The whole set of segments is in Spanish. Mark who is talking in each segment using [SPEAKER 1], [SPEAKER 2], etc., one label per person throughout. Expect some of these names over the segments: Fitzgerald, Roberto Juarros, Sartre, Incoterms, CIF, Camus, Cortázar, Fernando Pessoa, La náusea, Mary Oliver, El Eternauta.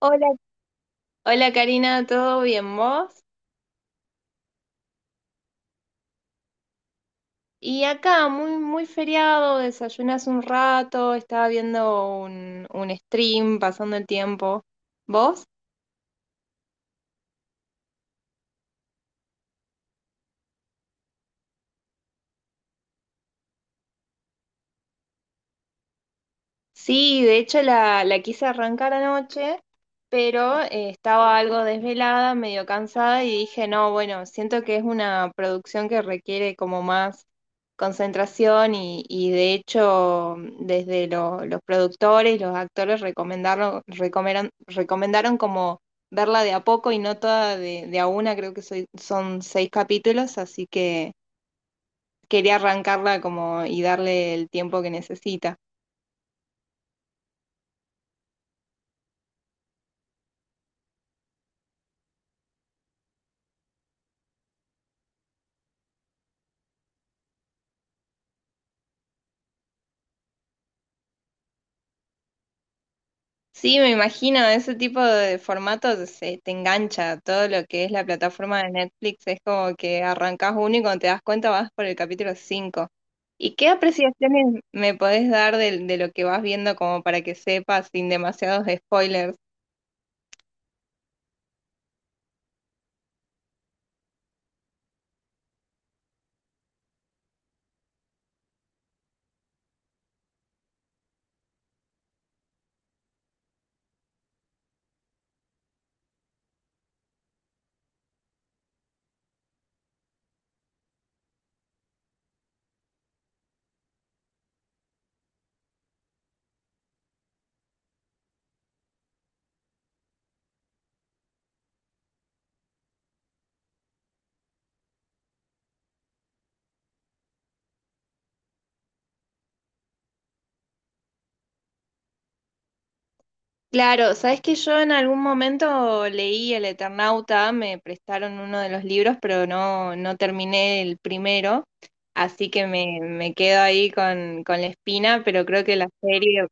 [SPEAKER 1] Hola, hola Karina, ¿todo bien vos? Y acá, muy, muy feriado, desayunas un rato, estaba viendo un stream, pasando el tiempo. ¿Vos? Sí, de hecho la quise arrancar anoche, pero estaba algo desvelada, medio cansada y dije, no, bueno, siento que es una producción que requiere como más concentración y de hecho desde los productores, los actores recomendaron como verla de a poco y no toda de a una, creo que son seis capítulos, así que quería arrancarla como y darle el tiempo que necesita. Sí, me imagino, ese tipo de formatos se te engancha, todo lo que es la plataforma de Netflix es como que arrancas uno y cuando te das cuenta vas por el capítulo cinco. ¿Y qué apreciaciones me podés dar de, lo que vas viendo como para que sepas sin demasiados spoilers? Claro, sabes que yo en algún momento leí El Eternauta, me prestaron uno de los libros, pero no, no terminé el primero, así que me quedo ahí con la espina, pero creo que la serie.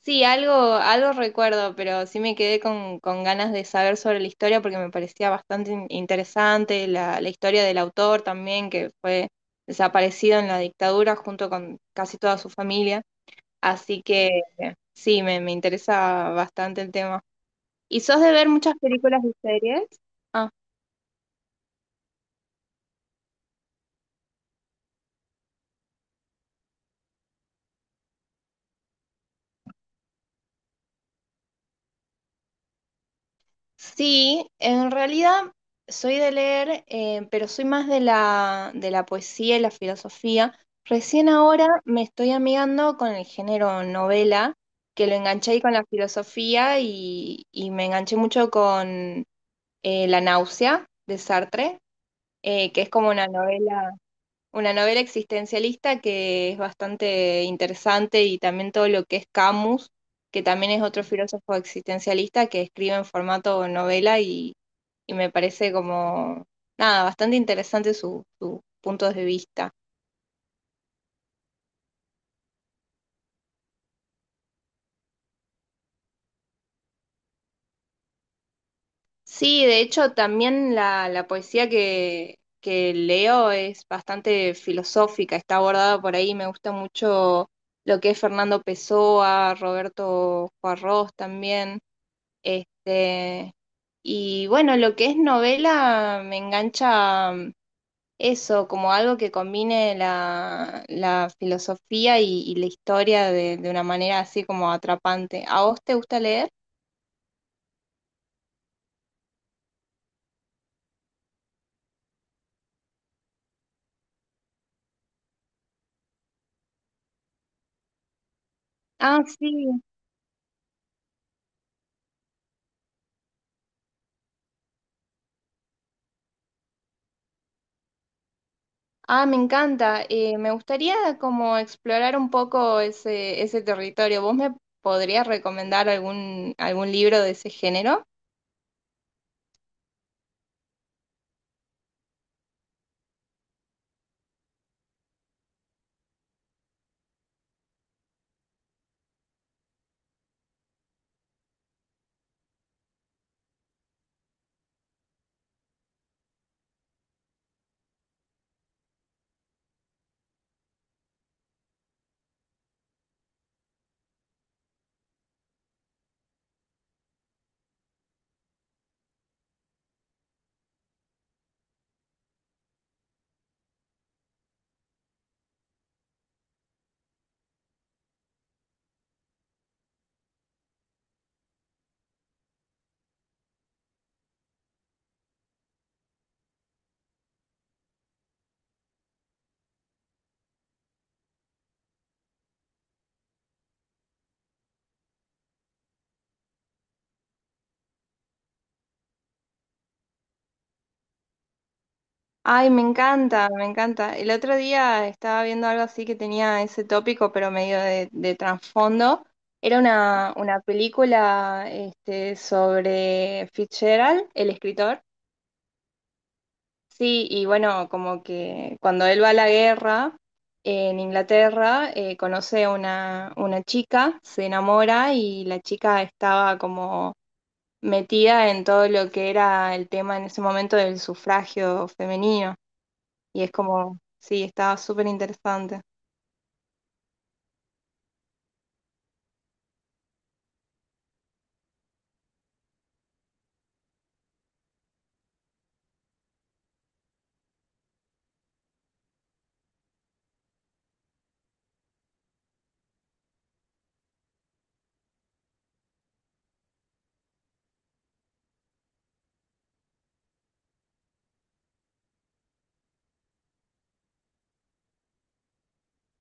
[SPEAKER 1] Sí, algo, algo recuerdo, pero sí me quedé con ganas de saber sobre la historia porque me parecía bastante interesante la historia del autor también, que fue desaparecido en la dictadura junto con casi toda su familia. Así que sí, me interesa bastante el tema. ¿Y sos de ver muchas películas y series? Ah. Sí, en realidad soy de leer, pero soy más de de la poesía y la filosofía. Recién ahora me estoy amigando con el género novela, que lo enganché ahí con la filosofía y me enganché mucho con La náusea de Sartre, que es como una novela. Una novela existencialista que es bastante interesante y también todo lo que es Camus, que también es otro filósofo existencialista que escribe en formato novela y me parece como, nada, bastante interesante su, su punto de vista. Sí, de hecho también la poesía que leo es bastante filosófica, está abordada por ahí, me gusta mucho lo que es Fernando Pessoa, Roberto Juarros también. Este, y bueno, lo que es novela me engancha, mm, eso, como algo que combine la filosofía y la historia de una manera así como atrapante. ¿A vos te gusta leer? Ah, sí. Ah, me encanta. Me gustaría como explorar un poco ese territorio. ¿Vos me podrías recomendar algún libro de ese género? Ay, me encanta, me encanta. El otro día estaba viendo algo así que tenía ese tópico, pero medio de trasfondo. Era una película este, sobre Fitzgerald, el escritor. Sí, y bueno, como que cuando él va a la guerra en Inglaterra, conoce a una chica, se enamora y la chica estaba como metida en todo lo que era el tema en ese momento del sufragio femenino. Y es como, sí, está súper interesante.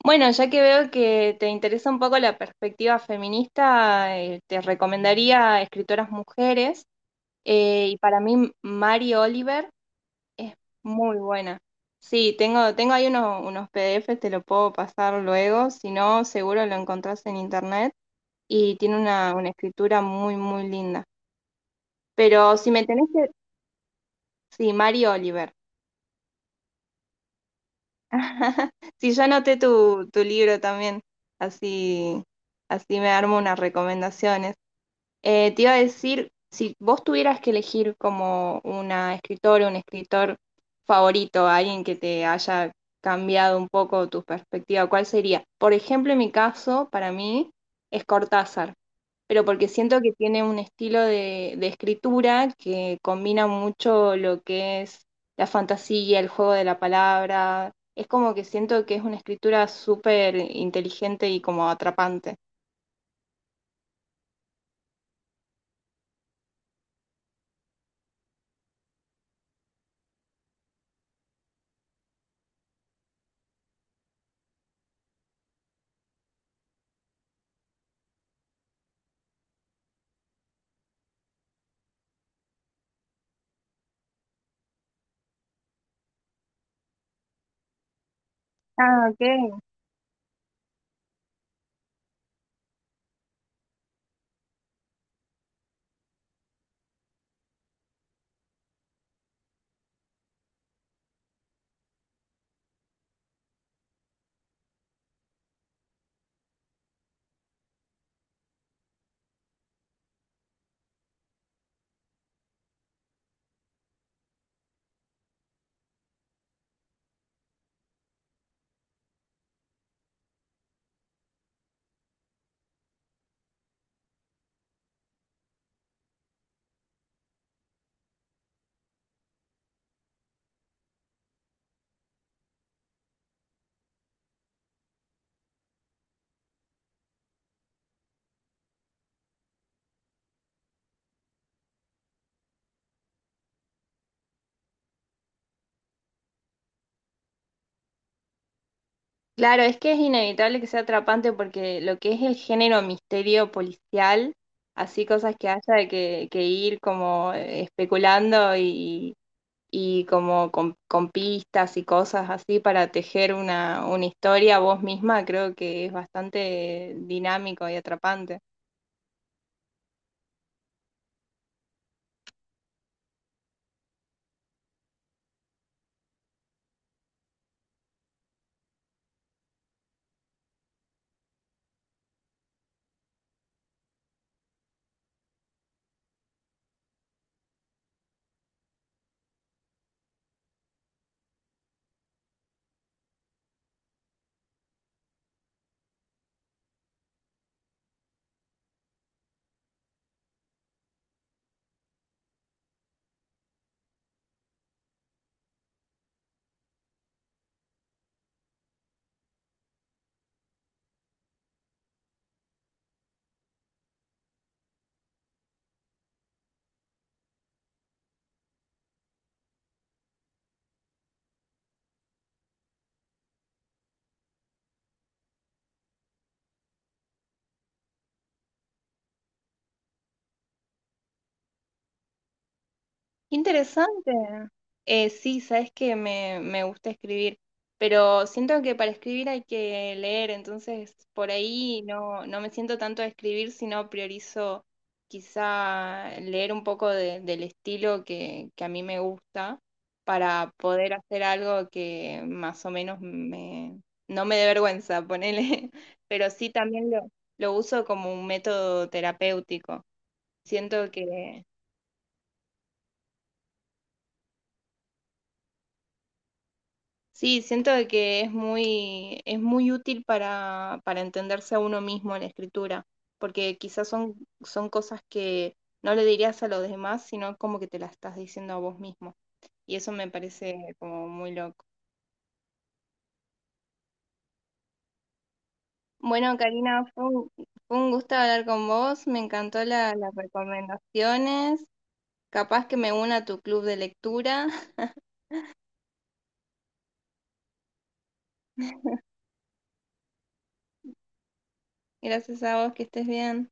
[SPEAKER 1] Bueno, ya que veo que te interesa un poco la perspectiva feminista, te recomendaría escritoras mujeres. Eh, y para mí, Mary Oliver es muy buena. Sí, tengo ahí unos PDFs, te lo puedo pasar luego. Si no, seguro lo encontrás en internet. Y tiene una escritura muy, muy linda. Pero si me tenés que... Sí, Mary Oliver. Sí, yo anoté tu libro también, así, así me armo unas recomendaciones. Te iba a decir, si vos tuvieras que elegir como una escritora, un escritor favorito, alguien que te haya cambiado un poco tu perspectiva, ¿cuál sería? Por ejemplo, en mi caso, para mí, es Cortázar, pero porque siento que tiene un estilo de escritura que combina mucho lo que es la fantasía, el juego de la palabra. Es como que siento que es una escritura súper inteligente y como atrapante. Ah, ok. Claro, es que es inevitable que sea atrapante porque lo que es el género misterio policial, así cosas que haya que ir como especulando y como con pistas y cosas así para tejer una historia vos misma, creo que es bastante dinámico y atrapante. Qué interesante. Sí, sabes que me gusta escribir, pero siento que para escribir hay que leer, entonces por ahí no, no me siento tanto a escribir, sino priorizo quizá leer un poco del estilo que a mí me gusta para poder hacer algo que más o menos me, no me dé vergüenza, ponele, pero sí también lo uso como un método terapéutico. Siento que... Sí, siento de que es muy útil para entenderse a uno mismo en la escritura, porque quizás son, son cosas que no le dirías a los demás, sino como que te las estás diciendo a vos mismo. Y eso me parece como muy loco. Bueno, Karina, fue un gusto hablar con vos, me encantó las recomendaciones, capaz que me una a tu club de lectura. Gracias a vos, que estés bien.